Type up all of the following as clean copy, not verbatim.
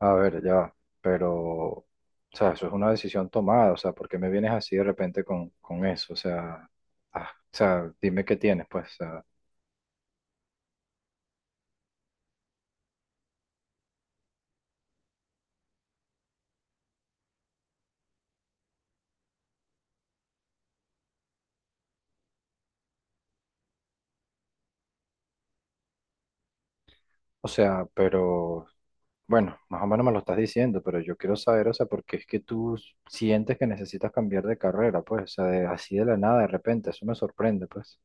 A ver, ya, va, pero, o sea, eso es una decisión tomada, o sea, ¿por qué me vienes así de repente con eso? O sea, ah, o sea, dime qué tienes, pues, o sea, pero, bueno, más o menos me lo estás diciendo, pero yo quiero saber, o sea, ¿por qué es que tú sientes que necesitas cambiar de carrera, pues, o sea, así de la nada, de repente, eso me sorprende, pues.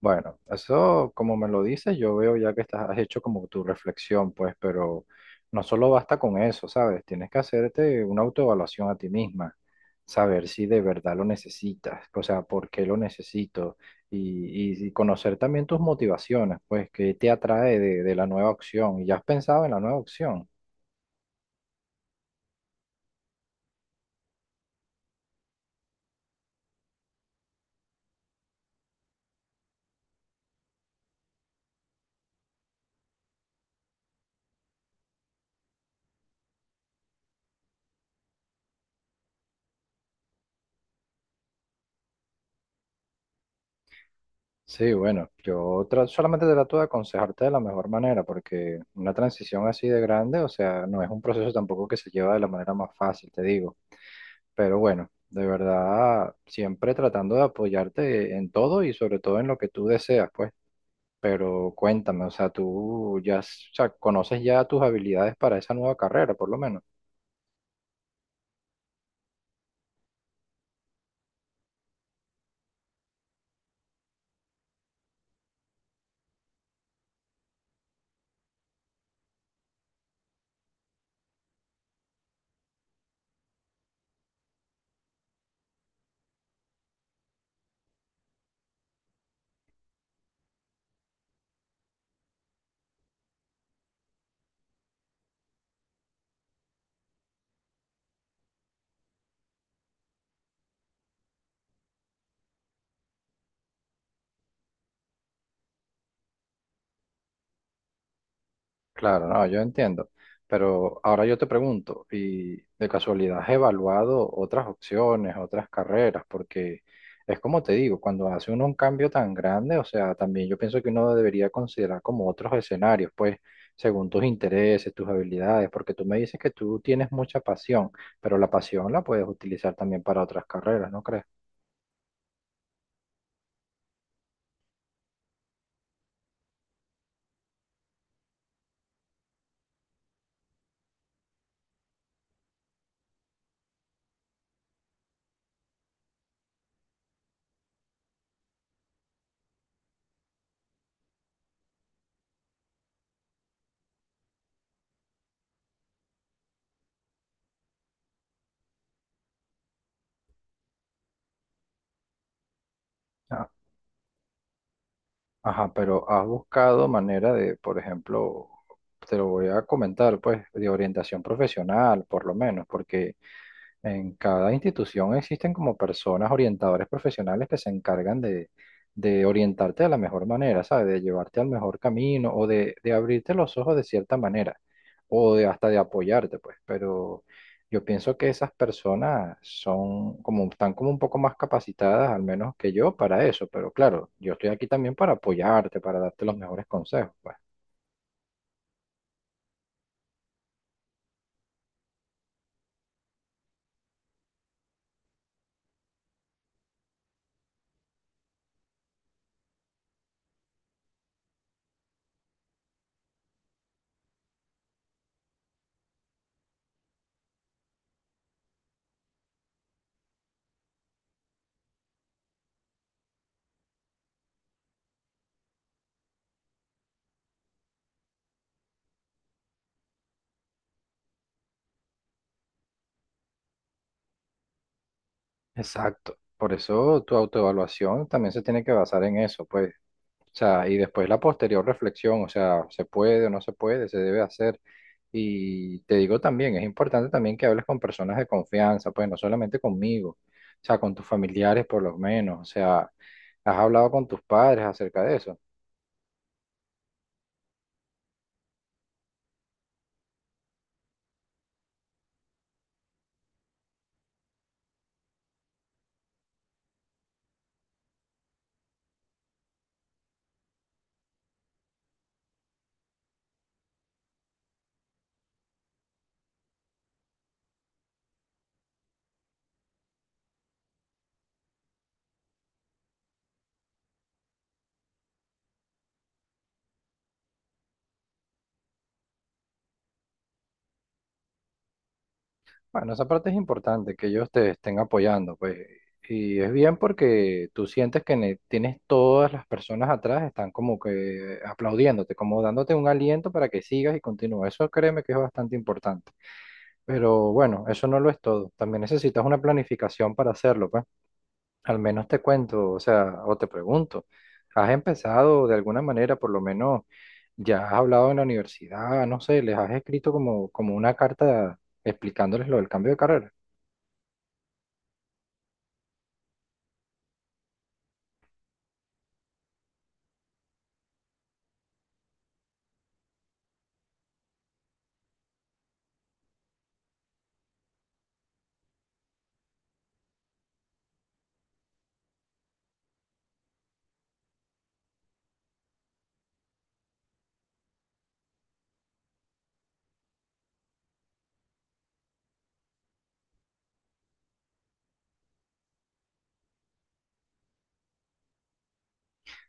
Bueno, eso como me lo dices, yo veo ya que estás, has hecho como tu reflexión, pues, pero no solo basta con eso, ¿sabes? Tienes que hacerte una autoevaluación a ti misma, saber si de verdad lo necesitas, o sea, por qué lo necesito y conocer también tus motivaciones, pues, qué te atrae de la nueva opción y ya has pensado en la nueva opción. Sí, bueno, yo solamente trato de aconsejarte de la mejor manera, porque una transición así de grande, o sea, no es un proceso tampoco que se lleva de la manera más fácil, te digo. Pero bueno, de verdad, siempre tratando de apoyarte en todo y sobre todo en lo que tú deseas, pues. Pero cuéntame, o sea, tú ya, o sea, conoces ya tus habilidades para esa nueva carrera, por lo menos. Claro, no, yo entiendo. Pero ahora yo te pregunto, ¿y de casualidad has evaluado otras opciones, otras carreras? Porque es como te digo, cuando hace uno un cambio tan grande, o sea, también yo pienso que uno debería considerar como otros escenarios, pues, según tus intereses, tus habilidades, porque tú me dices que tú tienes mucha pasión, pero la pasión la puedes utilizar también para otras carreras, ¿no crees? Ajá, pero has buscado manera de, por ejemplo, te lo voy a comentar, pues, de orientación profesional, por lo menos, porque en cada institución existen como personas, orientadores profesionales que se encargan de orientarte de la mejor manera, ¿sabes? De llevarte al mejor camino o de abrirte los ojos de cierta manera o de hasta de apoyarte, pues. Pero yo pienso que esas personas son como, están como un poco más capacitadas, al menos que yo, para eso. Pero claro, yo estoy aquí también para apoyarte, para darte los mejores consejos, pues. Exacto. Por eso tu autoevaluación también se tiene que basar en eso, pues. O sea, y después la posterior reflexión, o sea, se puede o no se puede, se debe hacer. Y te digo también, es importante también que hables con personas de confianza, pues no solamente conmigo, o sea, con tus familiares por lo menos, o sea, has hablado con tus padres acerca de eso. Bueno, esa parte es importante, que ellos te estén apoyando, pues. Y es bien porque tú sientes que tienes todas las personas atrás, están como que aplaudiéndote, como dándote un aliento para que sigas y continúes. Eso créeme que es bastante importante. Pero bueno, eso no lo es todo. También necesitas una planificación para hacerlo, pues. Al menos te cuento, o sea, o te pregunto, ¿has empezado de alguna manera, por lo menos ya has hablado en la universidad, no sé, les has escrito como, como una carta explicándoles lo del cambio de carrera?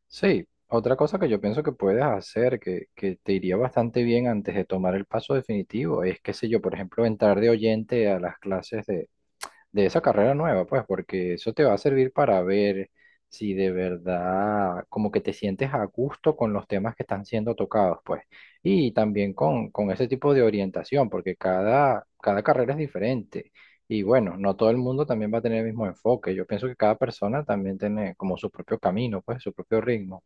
Sí, otra cosa que yo pienso que puedes hacer, que te iría bastante bien antes de tomar el paso definitivo, es, qué sé yo, por ejemplo, entrar de oyente a las clases de esa carrera nueva, pues, porque eso te va a servir para ver si de verdad como que te sientes a gusto con los temas que están siendo tocados, pues, y también con ese tipo de orientación, porque cada carrera es diferente. Y bueno, no todo el mundo también va a tener el mismo enfoque. Yo pienso que cada persona también tiene como su propio camino, pues, su propio ritmo.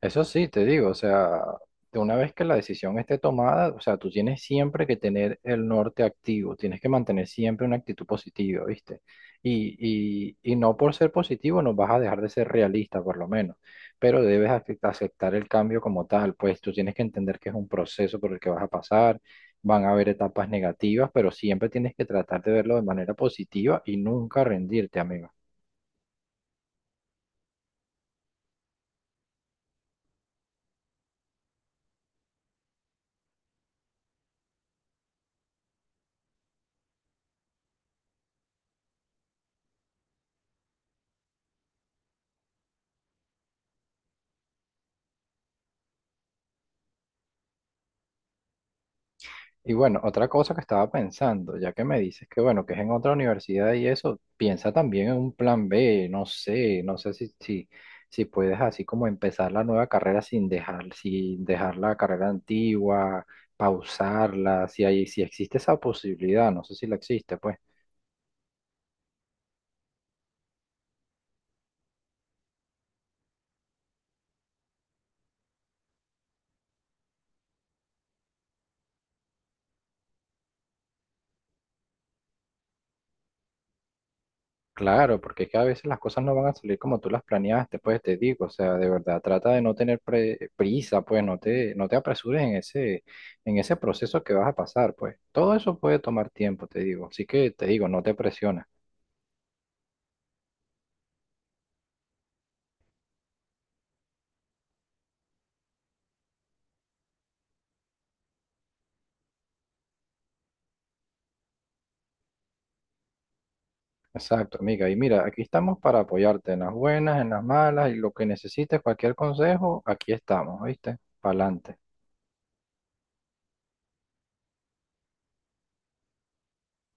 Eso sí, te digo, o sea, de una vez que la decisión esté tomada, o sea, tú tienes siempre que tener el norte activo, tienes que mantener siempre una actitud positiva, ¿viste? Y, y no por ser positivo no vas a dejar de ser realista, por lo menos, pero debes aceptar el cambio como tal, pues tú tienes que entender que es un proceso por el que vas a pasar, van a haber etapas negativas, pero siempre tienes que tratar de verlo de manera positiva y nunca rendirte, amigo. Y bueno, otra cosa que estaba pensando, ya que me dices que bueno, que es en otra universidad y eso, piensa también en un plan B, no sé, no sé si, puedes así como empezar la nueva carrera sin dejar la carrera antigua, pausarla, si hay, si existe esa posibilidad, no sé si la existe, pues. Claro, porque es que a veces las cosas no van a salir como tú las planeaste, pues te digo, o sea, de verdad, trata de no tener prisa, pues no te apresures en ese, proceso que vas a pasar, pues todo eso puede tomar tiempo, te digo, así que te digo, no te presiones. Exacto, amiga, y mira, aquí estamos para apoyarte en las buenas, en las malas, y lo que necesites, cualquier consejo, aquí estamos, ¿oíste? Pa'lante.